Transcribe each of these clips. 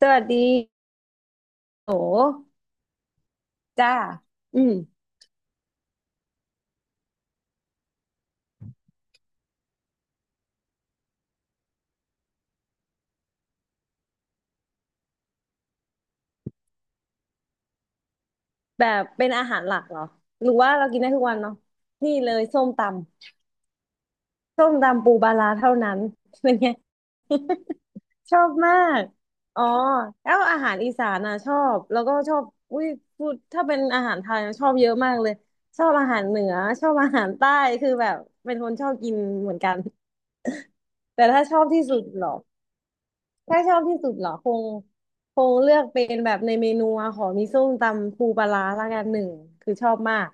สวัสดีโหจ้าอืมแบบเป็นอาหารหลักเหรอหรือว่าเรากินได้ทุกวันเนาะนี่เลยส้มตำส้มตำปูปลาร้าเท่านั้นเป็นไง ชอบมากอ๋อแล้วอาหารอีสานอ่ะชอบแล้วก็ชอบอุ้ยพูดถ้าเป็นอาหารไทยอะชอบเยอะมากเลยชอบอาหารเหนือชอบอาหารใต้คือแบบเป็นคนชอบกินเหมือนกันแต่ถ้าชอบที่สุดเหรอ ถ้าชอบที่สุดเหรอคงเลือกเป็นแบบในเมนูอะขอมีส้มตำปูปลาร้าละกันหนึ่งคือชอบมาก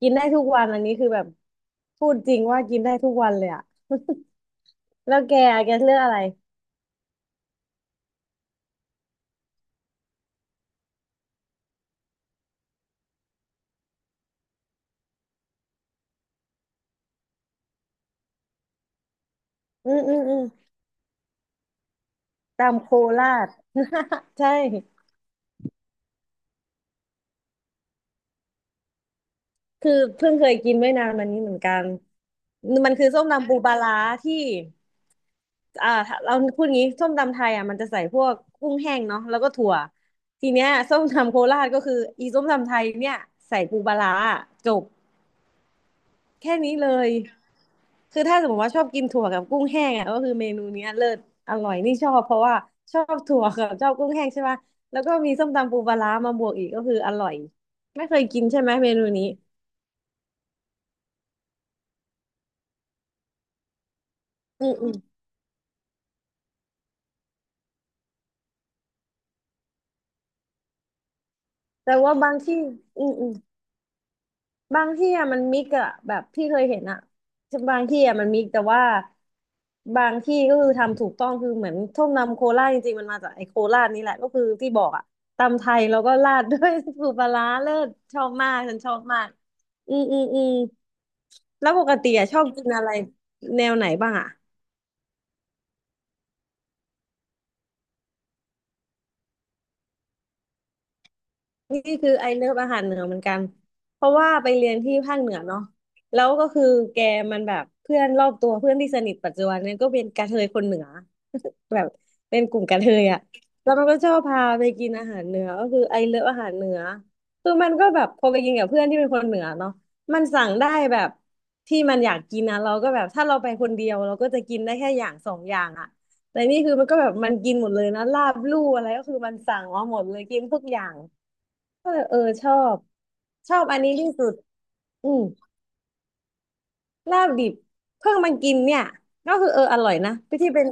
กินได้ทุกวันอันนี้คือแบบพูดจริงว่ากินได้ทุกวันเลยอะ แล้วแกอะแกเลือกอะไรอืมอืมอืมตำโคราช ใช่ คือเพิ่งเคยกินไม่นานมานี้เหมือนกัน มันคือส้มตำปูปลาร้าที่อ่าเราพูดงี้ส้มตำไทยอ่ะมันจะใส่พวกกุ้งแห้งเนาะแล้วก็ถั่วทีเนี้ยส้มตำโคราชก็คืออีส้มตำไทยเนี่ยใส่ปูปลาร้าจบแค่นี้เลยคือถ้าสมมติว่าชอบกินถั่วกับกุ้งแห้งอ่ะก็คือเมนูเนี้ยเลิศอร่อยนี่ชอบเพราะว่าชอบถั่วกับชอบกุ้งแห้งใช่ป่ะแล้วก็มีส้มตำปูปลาร้ามาบวกอีกก็คืออร่อยไม่เคยกินใช่ไหมเมนูนี้อืม แต่ว่าบางที่อืมอืมบางที่อะมันมิกอะแบบพี่เคยเห็นอะบางที่อะมันมิกแต่ว่าบางที่ก็คือทำถูกต้องคือเหมือนส้มตำโคราชจริงๆมันมาจากไอ้โคราชนี่แหละก็คือที่บอกอะตำไทยแล้วก็ราดด้วย สูตรปลาร้าเลิศชอบมากฉันชอบมากอืมอืมอืมแล้วปกติอะชอบกินอะไรแนวไหนบ้างอะ นี่คือไอเลิฟอาหารเหนือเหมือนกันเพราะว่าไปเรียนที่ภาคเหนือเนาะแล้วก็คือแกมันแบบเพื่อนรอบตัวเพื่อนที่สนิทปัจจุบันเนี่ยก็เป็นกระเทยคนเหนือแบบเป็นกลุ่มกระเทยอะแล้วมันก็ชอบพาไปกินอาหารเหนือก็คือไอเลิฟอาหารเหนือคือมันก็แบบพอไปกินกับเพื่อนที่เป็นคนเหนือเนาะมันสั่งได้แบบที่มันอยากกินนะเราก็แบบถ้าเราไปคนเดียวเราก็จะกินได้แค่อย่างสองอย่างอะแต่นี่คือมันก็แบบมันกินหมดเลยนะลาบลู่อะไรก็คือมันสั่งมาหมดเลยกินทุกอย่าง เออเออชอบชอบอันนี้ที่สุดอืมลาบดิบเพิ่งมากินเนี่ยก็คือเอออร่อยนะไปที่เป็น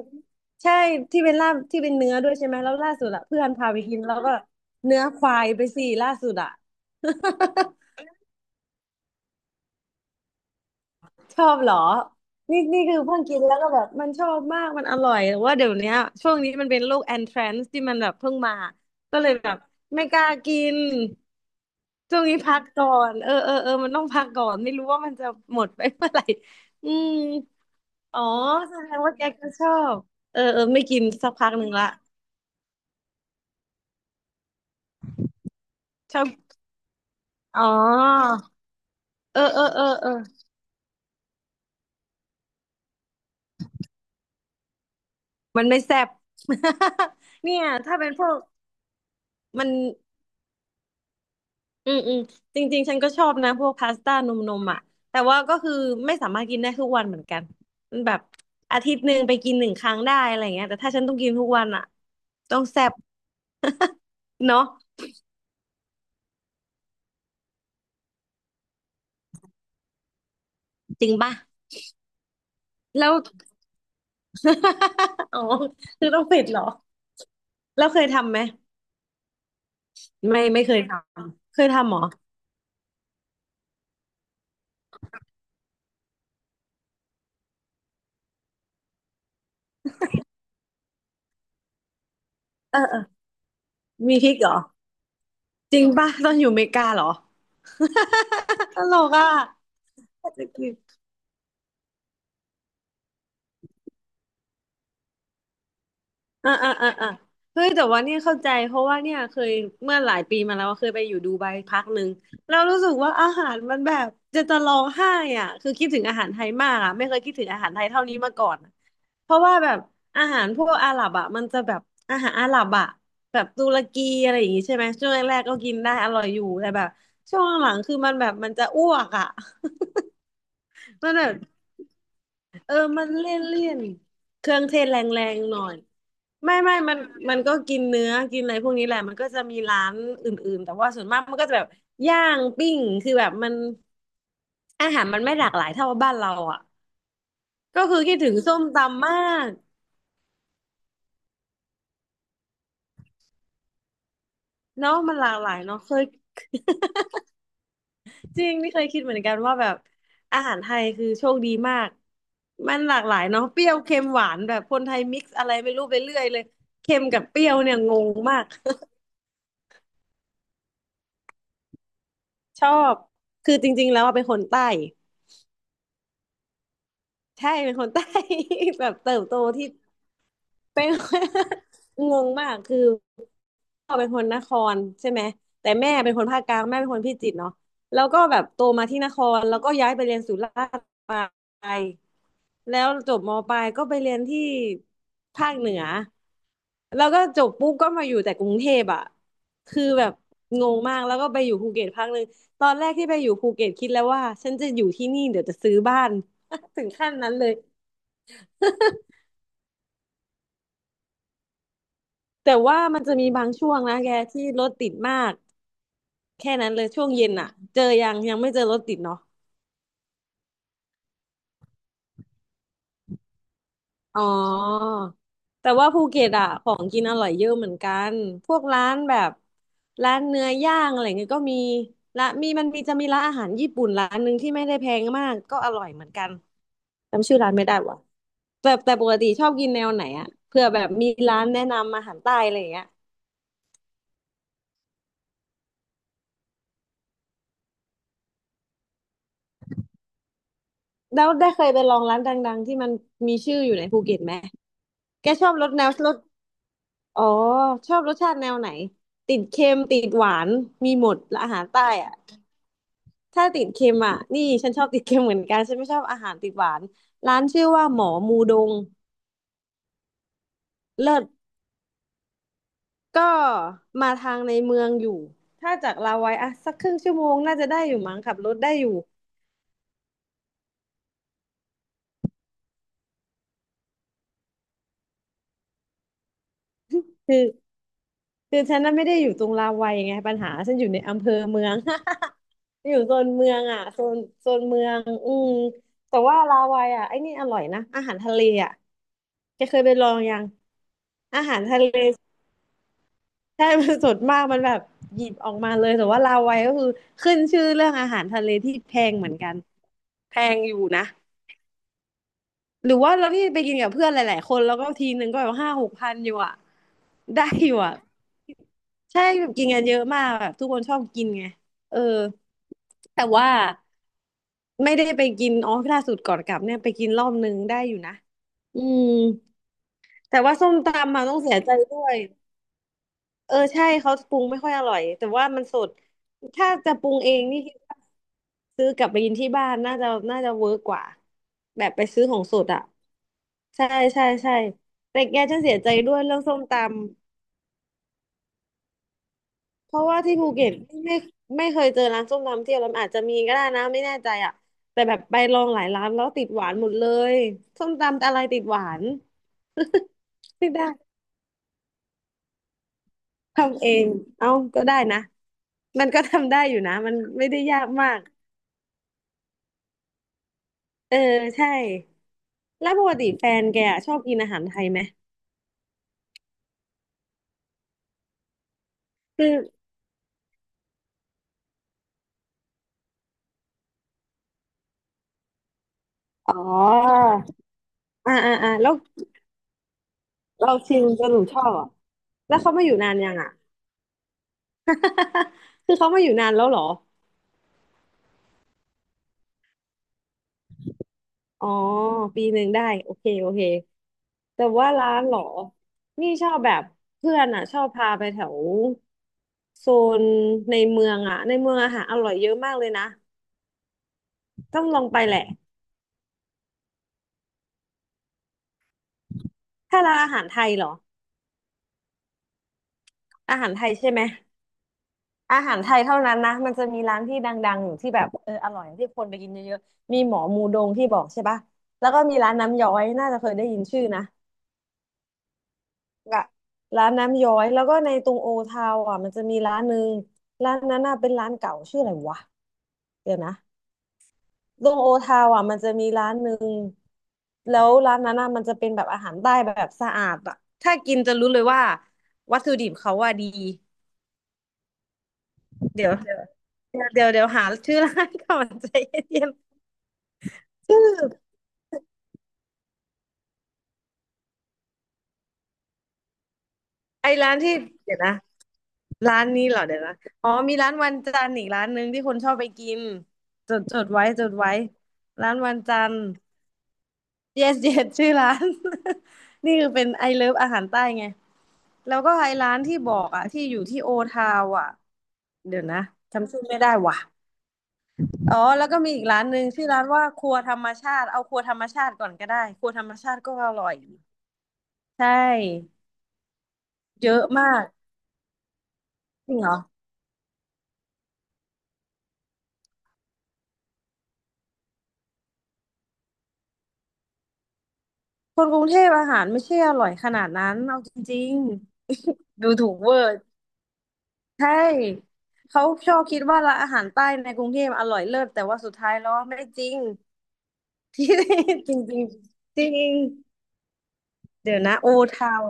ใช่ที่เป็นลาบที่เป็นเนื้อด้วยใช่ไหมแล้วล่าสุดอะเพื่อนพาไปกินแล้วก็เนื้อควายไปส่ล่าสุดอะ ชอบเหรอ นี่คือเพิ่งกินแล้วก็แบบมันชอบมากมันอร่อยแต่ว่าเดี๋ยวเนี้ยช่วงนี้มันเป็นโรคแอนทรนซ์ที่มันแบบเพิ่งมาก็เลยแบบไม่กล้ากินช่วงนี้พักก่อนเออเออเออมันต้องพักก่อนไม่รู้ว่ามันจะหมดไปเมื่อไหร่อืมอ๋อแสดงว่าแกก็ชอบเออเออไม่กินสักพักหนึ่งละชอบอ๋อเออเออเออเออมันไม่แซ่บ เนี่ยถ้าเป็นพวกมัน อืมอืมจริงๆฉันก็ชอบนะพวกพาสต้านมอ่ะแต่ว่าก็คือไม่สามารถกินได้ทุกวันเหมือนกันมันแบบอาทิตย์หนึ่งไปกินหนึ่งครั้งได้อะไรเงี้ยแต่ถ้าฉันต้องกินทุกวันอ่ะต้องแซ่บเนาะจริงป่ะแล้ว อ๋อคือต้องเผ็ดเหรอแล้วเคยทำไหมไม่เคยทำเคยทำเหรอเออเออมีพริกเหรอจริงป่ะตอนอยู่อเมริกาเหรอ ตลกอ่ะ อ่าอ่าอ่าอ่าเฮ้ยแต่ว่าเนี่ยเข้าใจเพราะว่าเนี่ยเคยเมื่อหลายปีมาแล้วเคยไปอยู่ดูไบพักหนึ่งแล้วรู้สึกว่าอาหารมันแบบจะร้องไห้อ่ะคือคิดถึงอาหารไทยมากอ่ะไม่เคยคิดถึงอาหารไทยเท่านี้มาก่อนเพราะว่าแบบอาหารพวกอาหรับอ่ะมันจะแบบอาหารอาหรับอ่ะแบบตุรกีอะไรอย่างงี้ใช่ไหมช่วงแรกๆก็กินได้อร่อยอยู่แต่แบบช่วงหลังๆคือมันแบบมันจะอ้วกอ่ะ มันแบบ เออมันเลี่ยนเลี่ยนเครื่องเทศแรงๆหน่อยไม่มันมันก็กินเนื้อกินอะไรพวกนี้แหละมันก็จะมีร้านอื่นๆแต่ว่าส่วนมากมันก็จะแบบย่างปิ้งคือแบบมันอาหารมันไม่หลากหลายเท่าบ้านเราอ่ะก็คือคิดถึงส้มตำมากเนาะมันหลากหลายเนาะเคยจริงนี่เคยคิดเหมือนกันว่าแบบอาหารไทยคือโชคดีมากมันหลากหลายเนาะเปรี้ยวเค็มหวานแบบคนไทยมิกซ์อะไรไม่รู้ไปเรื่อยเลยเค็มกับเปรี้ยวเนี่ยงงมาก ชอบ คือจริงๆแล้วอะเป็นคนใต้ ใช่ เป็นคนใต้ แบบเติบโตที่เป็น งงมากคือ พ่อเป็นคนนครใช่ไหมแต่แม่เป็นคนภาคกลางแม่เป็นคนพิจิตรเนาะแล้วก็แบบโตมาที่นครแล้วก็ย้ายไปเรียนสุราษฎร์ไปแล้วจบมปลายก็ไปเรียนที่ภาคเหนือแล้วก็จบปุ๊บก็มาอยู่แต่กรุงเทพอ่ะคือแบบงงมากแล้วก็ไปอยู่ภูเก็ตพักหนึ่งตอนแรกที่ไปอยู่ภูเก็ตคิดแล้วว่าฉันจะอยู่ที่นี่เดี๋ยวจะซื้อบ้าน ถึงขั้นนั้นเลยแต่ว่ามันจะมีบางช่วงนะแกที่รถติดมาก แค่นั้นเลยช่วงเย็นอ่ะเจอยังยังไม่เจอรถติดเนาะอ๋อแต่ว่าภูเก็ตอะของกินอร่อยเยอะเหมือนกันพวกร้านแบบร้านเนื้อย่างอะไรเงี้ยก็มีละมีมันมีจะมีร้านอาหารญี่ปุ่นร้านหนึ่งที่ไม่ได้แพงมากก็อร่อยเหมือนกันจำชื่อร้านไม่ได้ว่ะแต่ปกติชอบกินแนวไหนอะเผื่อแบบมีร้านแนะนำอาหารใต้อะไรอย่างเงี้ยแล้วได้เคยไปลองร้านดังๆที่มันมีชื่ออยู่ในภูเก็ตไหมแกชอบรสแนวรส อ๋อชอบรสชาติแนวไหนติดเค็มติดหวานมีหมดและอาหารใต้อ่ะถ้าติดเค็มอ่ะนี่ฉันชอบติดเค็มเหมือนกันฉันไม่ชอบอาหารติดหวานร้านชื่อว่าหมอมูดงเลิศก็มาทางในเมืองอยู่ถ้าจากลาวัยอ่ะสักครึ่งชั่วโมงน่าจะได้อยู่มั้งขับรถได้อยู่คือ คือฉันน่ะไม่ได้อยู่ตรงราวัยไงปัญหาฉันอยู่ในอำเภอเมือง อยู่โซนเมืองอ่ะโซนเมืองอืมแต่ว่าราวัยอ่ะไอ้นี่อร่อยนะอาหารทะเลอ่ะแกเคยไปลองยังอาหารทะเลใช่มันสดมากมันแบบหยิบออกมาเลยแต่ว่าราวัยก็คือขึ้นชื่อเรื่องอาหารทะเลที่แพงเหมือนกันแพงอยู่นะ หรือว่าเราที่ไปกินกับเพื่อนหลายๆคนแล้วก็ทีนึงก็แบบ5,000-6,000อยู่อ่ะได้อยู่อ่ะใช่แบบกินกันเยอะมากแบบทุกคนชอบกินไงเออแต่ว่าไม่ได้ไปกินอ๋อล่าสุดก่อนกลับเนี่ยไปกินรอบนึงได้อยู่นะอืมแต่ว่าส้มตำมาต้องเสียใจด้วยเออใช่เขาปรุงไม่ค่อยอร่อยแต่ว่ามันสดถ้าจะปรุงเองนี่คิดว่าซื้อกลับไปกินที่บ้านน่าจะน่าจะเวิร์กกว่าแบบไปซื้อของสดอ่ะ ใช่ใช่ใช่แต่แกฉันเสียใจด้วยเรื่องส้มตำเพราะว่าที่ภูเก็ตไม่ไม่เคยเจอร้านส้มตำที่อร่อยอาจจะมีก็ได้นะไม่แน่ใจอ่ะแต่แบบไปลองหลายร้านแล้วติดหวานหมดเลยส้มตำอะไรติดหวาน ไม่ได้ทำเองเอาก็ได้นะมันก็ทำได้อยู่นะมันไม่ได้ยากมากเออใช่แล้วปกติแฟนแกอะชอบกินอาหารไทยไหมคืออ๋ออ่าแล้วเราชิมจนหนูชอบเหรอ่ะแล้วเขามาอยู่นานยังอ่ะ คือเขามาอยู่นานแล้วเหรอ อ๋อ1 ปีได้โอเคโอเค แต่ว่าร้านเหรอนี่ชอบแบบเพื่อนอ่ะชอบพาไปแถวโซนในเมืองอ่ะในเมืองอาหารอร่อยเยอะมากเลยนะต้องลองไปแหละถ้าร้านอาหารไทยเหรออาหารไทยใช่ไหมอาหารไทยเท่านั้นนะมันจะมีร้านที่ดังๆอยู่ที่แบบเอออร่อยที่คนไปกินเยอะๆมีหมอมูดงที่บอกใช่ปะแล้วก็มีร้านน้ำย้อยน่าจะเคยได้ยินชื่อนะ ละร้านน้ำย้อยแล้วก็ในตรงโอทาวอ่ะมันจะมีร้านหนึ่งร้านนั้นน่ะเป็นร้านเก่าชื่ออะไรวะเดี๋ยวนะตรงโอทาวอ่ะมันจะมีร้านหนึ่งแล้วร้านนั้นน่ะมันจะเป็นแบบอาหารใต้แบบสะอาดอ่ะถ้ากินจะรู้เลยว่าวัตถุดิบเขาว่าดีเดี๋ยวเดี๋ยวเดี๋ยวเดี๋ยวเดี๋ยวหาชื่อร้านก่อน ใจเย็นๆชื่อไอ้ร้านที่เดี๋ยวนะ ร้านนี้เหรอเดี๋ยวนะอ๋อมีร้านวันจันทร์อีกร้านหนึ่งที่คนชอบไปกินจดจดไว้จดไว้ร้านวันจันทร์ yes yes ชื่อร้าน นี่คือเป็นไอเลิฟอาหารใต้ไงแล้วก็ไอร้านที่บอกอ่ะที่อยู่ที่โอทาวอ่ะเดี๋ยวนะจำชื่อไม่ได้ว่ะอ๋อแล้วก็มีอีกร้านหนึ่งชื่อร้านว่าครัวธรรมชาติเอาครัวธรรมชาติก่อนก็ได้ครัวธรรมชาติก็อร่อยใช่เยอะมากจริงเหรอ คนกรุงเทพอาหารไม่ใช่อร่อยขนาดนั้นเอาจริงๆ ดูถูกเวอร์ใช่เขาชอบคิดว่าร้านอาหารใต้ในกรุงเทพอร่อยเลิศแต่ว่าสุดท้ายแล้วไม่จริงที่จริงจริงจริงเดี๋ยวนะโอทาว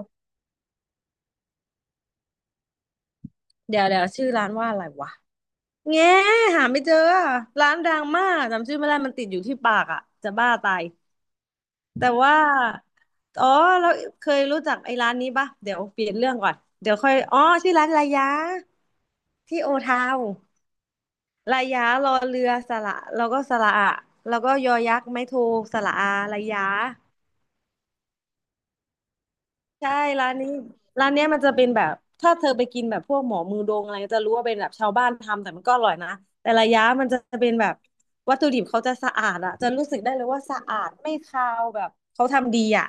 เดี๋ยวเดี๋ยวชื่อร้านว่าอะไรวะแง่หาไม่เจอร้านดังมากจำชื่อไม่ได้มันติดอยู่ที่ปากอ่ะจะบ้าตาย แต่ว่าอ๋อแล้วเคยรู้จักไอ้ร้านนี้ปะเดี๋ยวเปลี่ยนเรื่องก่อนเดี๋ยวค่อยอ๋อชื่อร้านลายาที่โอทาวน์ลายารอเรือสระแล้วก็สระอะแล้วก็ยอยักษ์ไม้โทสระอาลายาใช่ร้านนี้ร้านเนี้ยมันจะเป็นแบบถ้าเธอไปกินแบบพวกหมอมือโดงอะไรจะรู้ว่าเป็นแบบชาวบ้านทำแต่มันก็อร่อยนะแต่ระยะมันจะเป็นแบบวัตถุดิบเขาจะสะอาดอะจะรู้สึกได้เลยว่าสะอาดไม่คาวแบบเขาทำดีอะ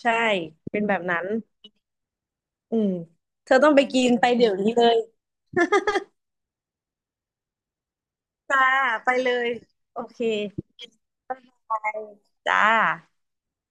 ใช่เป็นแบบนั้น อืมเธอต้องไปกินไปเดี๋ยวนี้เลยจ้าไปเลยโอเคบ๊ายบายจ้า